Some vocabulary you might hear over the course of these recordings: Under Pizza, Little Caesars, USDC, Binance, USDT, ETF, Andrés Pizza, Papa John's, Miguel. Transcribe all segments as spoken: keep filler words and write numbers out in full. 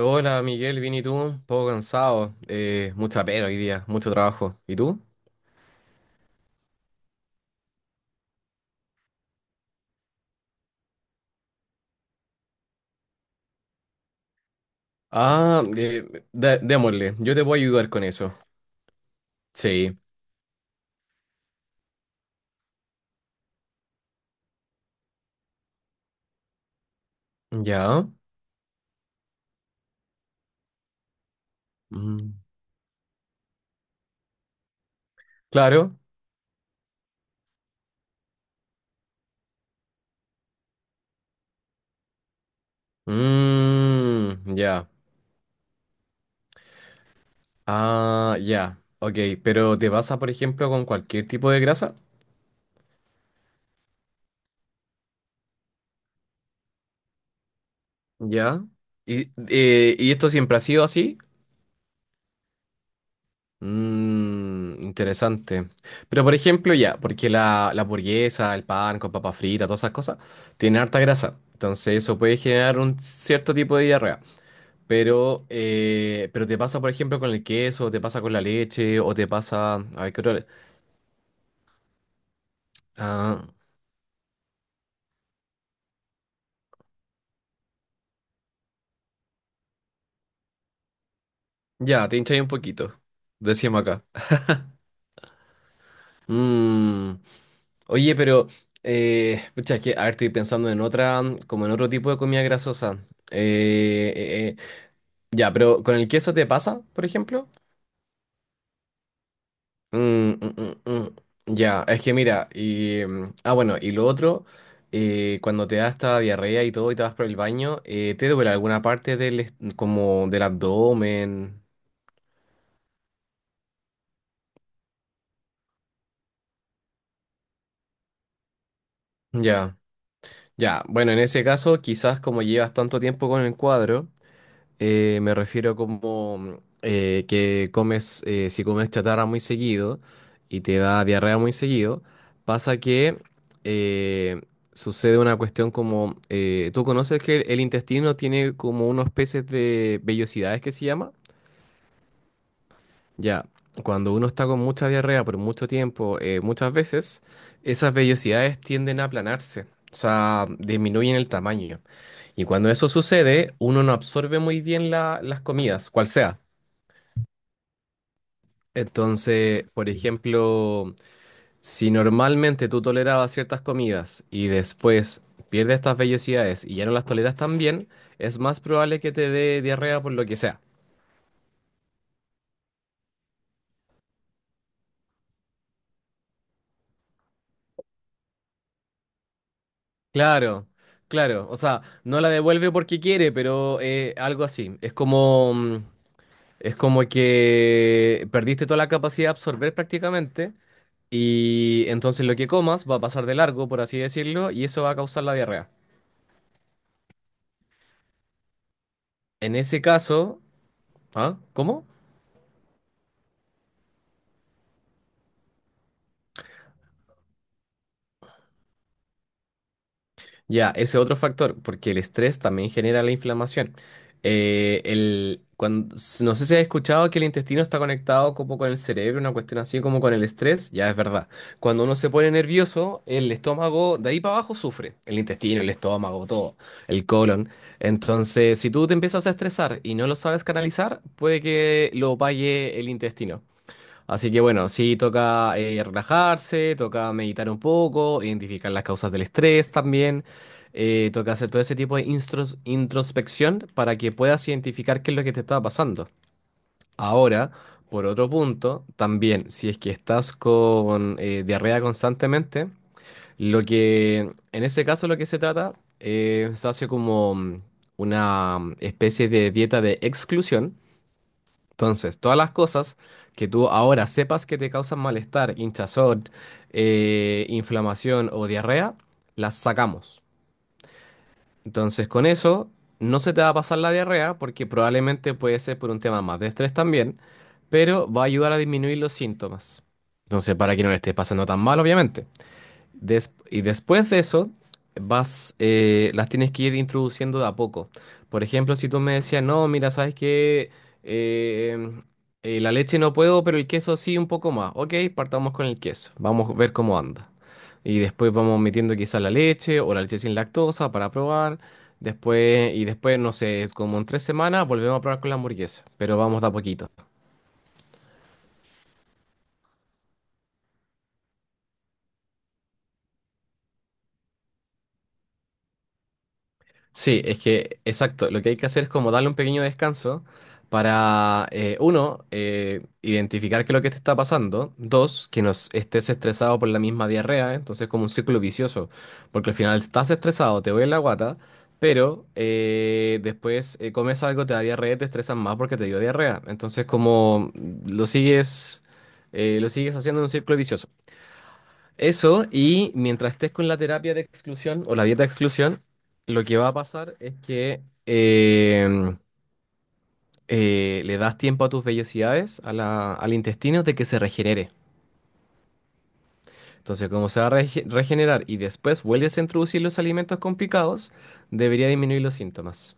Hola, Miguel, bien y tú, un poco cansado, eh, mucha pega hoy día, mucho trabajo. ¿Y tú? Ah, eh, dé- Démosle, yo te puedo ayudar con eso. Sí, ya, mm, claro, mm, ya, ah, ya, ok, pero ¿te pasa, por ejemplo, con cualquier tipo de grasa? Ya, ¿y, eh, ¿y esto siempre ha sido así? Mm, interesante. Pero, por ejemplo, ya, porque la, la hamburguesa, el pan con papa frita, todas esas cosas tienen harta grasa. Entonces eso puede generar un cierto tipo de diarrea. Pero, eh, pero te pasa, por ejemplo, con el queso, te pasa con la leche, o te pasa... A ver, ¿qué otra? le- Ah, ya, te hinchas ahí un poquito. Decíamos acá. Mm, Oye, pero... Eh, pucha, es que, a ver, estoy pensando en otra, como en otro tipo de comida grasosa. Eh, eh, eh, Ya, pero ¿con el queso te pasa, por ejemplo? Mm, mm, mm, mm. Ya, es que mira, y... mm, ah, bueno, y lo otro, eh, cuando te da esta diarrea y todo y te vas por el baño, eh, ¿te duele alguna parte del, est- como del abdomen? Ya, ya. Bueno, en ese caso, quizás como llevas tanto tiempo con el cuadro, Eh, me refiero como eh, que comes, eh, si comes chatarra muy seguido y te da diarrea muy seguido, pasa que eh, sucede una cuestión como, eh, ¿tú conoces que el intestino tiene como unos peces de vellosidades que se llama? Ya, cuando uno está con mucha diarrea por mucho tiempo, eh, muchas veces, esas vellosidades tienden a aplanarse, o sea, disminuyen el tamaño. Y cuando eso sucede, uno no absorbe muy bien la- las comidas, cual sea. Entonces, por ejemplo, si normalmente tú tolerabas ciertas comidas y después pierdes estas vellosidades y ya no las toleras tan bien, es más probable que te dé diarrea por lo que sea. Claro, claro. O sea, no la devuelve porque quiere, pero eh, algo así. Es como, mm, es como que perdiste toda la capacidad de absorber prácticamente, y entonces lo que comas va a pasar de largo, por así decirlo, y eso va a causar la diarrea. En ese caso, ¿ah? ¿Cómo? Ya, ese otro factor, porque el estrés también genera la inflamación. Eh, el, cuando, s- no sé si has escuchado que el intestino está conectado como con el cerebro, una cuestión así como con el estrés, ya es verdad. Cuando uno se pone nervioso, el estómago de ahí para abajo sufre, el intestino, el estómago, todo, el colon. Entonces, si tú te empiezas a estresar y no lo sabes canalizar, puede que lo pague el intestino. Así que bueno, sí toca eh, relajarse, toca meditar un poco, identificar las causas del estrés también, eh, toca hacer todo ese tipo de instros- introspección para que puedas identificar qué es lo que te está pasando. Ahora, por otro punto, también si es que estás con eh, diarrea constantemente, lo que en ese caso lo que se trata, eh, se hace como mm, una mm, especie de dieta de exclusión. Entonces, todas las cosas que tú ahora sepas que te causan malestar, hinchazón, eh, inflamación o diarrea, las sacamos. Entonces, con eso no se te va a pasar la diarrea porque probablemente puede ser por un tema más de estrés también, pero va a ayudar a disminuir los síntomas. Entonces, para que no le esté pasando tan mal, obviamente. Des- y después de eso, vas, eh, las tienes que ir introduciendo de a poco. Por ejemplo, si tú me decías, no, mira, sabes que la leche no puedo, pero el queso sí un poco más. Ok, partamos con el queso. Vamos a ver cómo anda. Y después vamos metiendo quizás la leche o la leche sin lactosa para probar. Después, y después, no sé, como en tres semanas volvemos a probar con la hamburguesa. Pero vamos de a poquito. Sí, es que, exacto, lo que hay que hacer es como darle un pequeño descanso para, eh, uno, eh, identificar qué es lo que te está pasando; dos, que no es- estés estresado por la misma diarrea, ¿eh? Entonces es como un círculo vicioso, porque al final estás estresado, te duele la guata, pero eh, después eh, comes algo, te da diarrea, y te estresas más porque te dio diarrea, entonces como lo sigues, eh, lo sigues haciendo en un círculo vicioso. Eso, y mientras estés con la terapia de exclusión o la dieta de exclusión, lo que va a pasar es que em, eh, le das tiempo a tus vellosidades, a la- al intestino, de que se regenere. Entonces, como se va a rege- regenerar y después vuelves a introducir los alimentos con picados, debería disminuir los síntomas.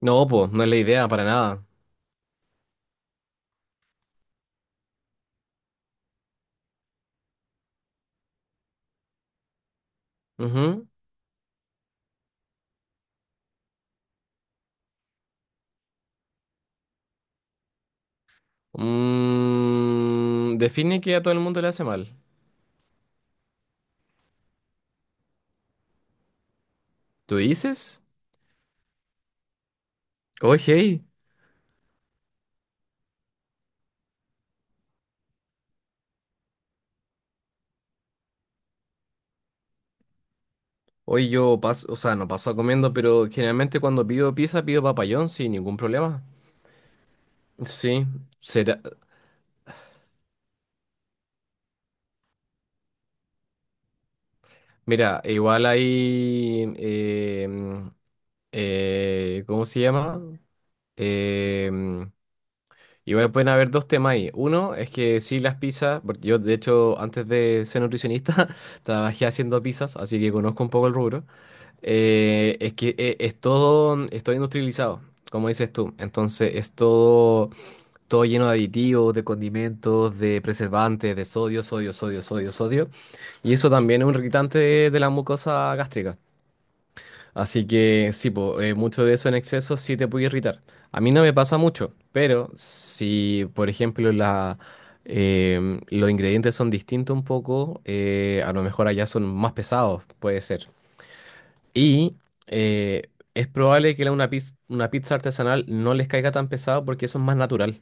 No, pues, no es la idea para nada. Ujú. Mm, define que a todo el mundo le hace mal. ¿Tú dices? Oye. Hoy yo paso, o sea, no paso a comiendo, pero generalmente cuando pido pizza pido papayón sin ningún problema. Sí, será. Mira, igual hay. em, eh, ¿Cómo se llama? Em, Igual pueden haber dos temas ahí. Uno es que sí, las pizzas, porque yo de hecho antes de ser nutricionista trabajé haciendo pizzas, así que conozco un poco el rubro. Eh, es que eh, es todo, es todo industrializado, como dices tú. Entonces es todo todo lleno de aditivos, de condimentos, de preservantes, de sodio, sodio, sodio, sodio, sodio. Y eso también es un irritante de, de la mucosa gástrica. Así que sí, po, eh, mucho de eso en exceso sí te puede irritar. A mí no me pasa mucho, pero si, por ejemplo, la, em, los ingredientes son distintos un poco, eh, a lo mejor allá son más pesados, puede ser. Y eh, es probable que la- una, piz- una pizza artesanal no les caiga tan pesado porque eso es más natural.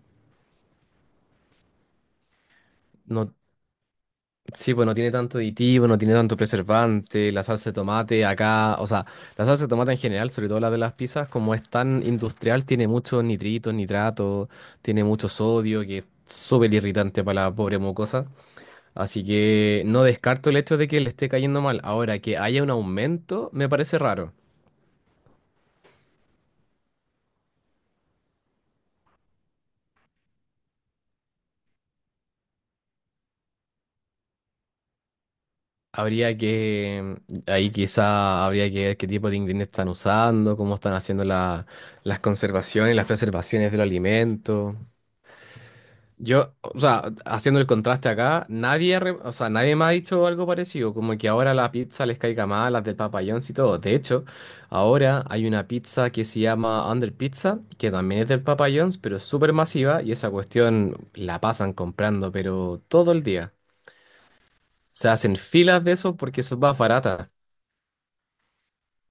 No. Sí, pues no tiene tanto aditivo, no tiene tanto preservante, la salsa de tomate acá, o sea, la salsa de tomate en general, sobre todo la de las pizzas, como es tan industrial, tiene muchos nitritos, nitratos, tiene mucho sodio, que es súper irritante para la pobre mocosa. Así que no descarto el hecho de que le esté cayendo mal. Ahora, que haya un aumento, me parece raro. Habría que, ahí quizá habría que ver qué tipo de ingredientes están usando, cómo están haciendo la- las conservaciones, las preservaciones del alimento. Yo, o sea, haciendo el contraste acá, nadie, re- o sea, nadie me ha dicho algo parecido, como que ahora la pizza les caiga mal, las del Papa John's y todo. De hecho, ahora hay una pizza que se llama Under Pizza, que también es del Papa John's, pero es súper masiva y esa cuestión la pasan comprando, pero todo el día. Se hacen filas de eso porque eso es más barata.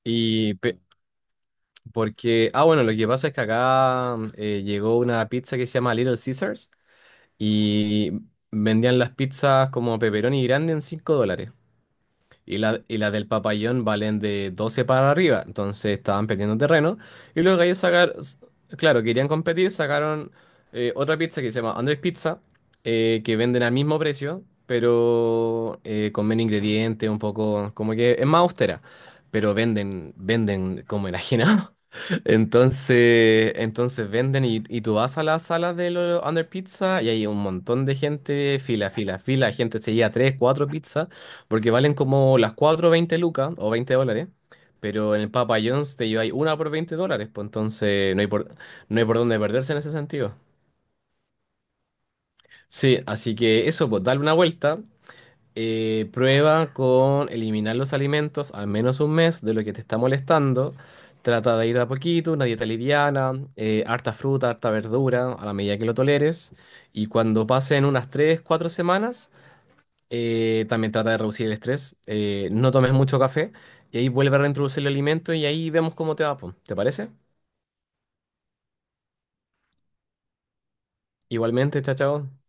Y pe- porque, ah, bueno, lo que pasa es que acá mm, eh, llegó una pizza que se llama Little Caesars. Y vendían las pizzas como pepperoni grande en cinco dólares, y la, y la del Papayón valen de doce para arriba, entonces estaban perdiendo terreno. Y los gallos sacaron, claro, querían competir, sacaron eh, otra pizza que se llama Andrés Pizza, eh, que venden al mismo precio, pero eh, con menos ingredientes, un poco, como que es más austera, pero venden, venden como enajenado. Entonces, entonces venden, y, y, tú vas a las salas de los Under Pizza y hay un montón de gente, fila, fila, fila, gente se lleva tres, cuatro pizzas porque valen como las cuatro veinte 20 lucas o veinte dólares. Pero en el Papa John's te lleváis una por veinte dólares. Pues entonces no hay por, no hay por dónde perderse en ese sentido. Sí, así que eso, pues darle una vuelta. eh, prueba con eliminar los alimentos al menos un mes de lo que te está molestando. Trata de ir de a poquito, una dieta liviana, eh, harta fruta, harta verdura, a la medida que lo toleres. Y cuando pasen unas tres cuatro semanas, eh, también trata de reducir el estrés. eh, no tomes mucho café y ahí vuelve a reintroducir el alimento y ahí vemos cómo te va, po. ¿Te parece? Igualmente, chao, chao.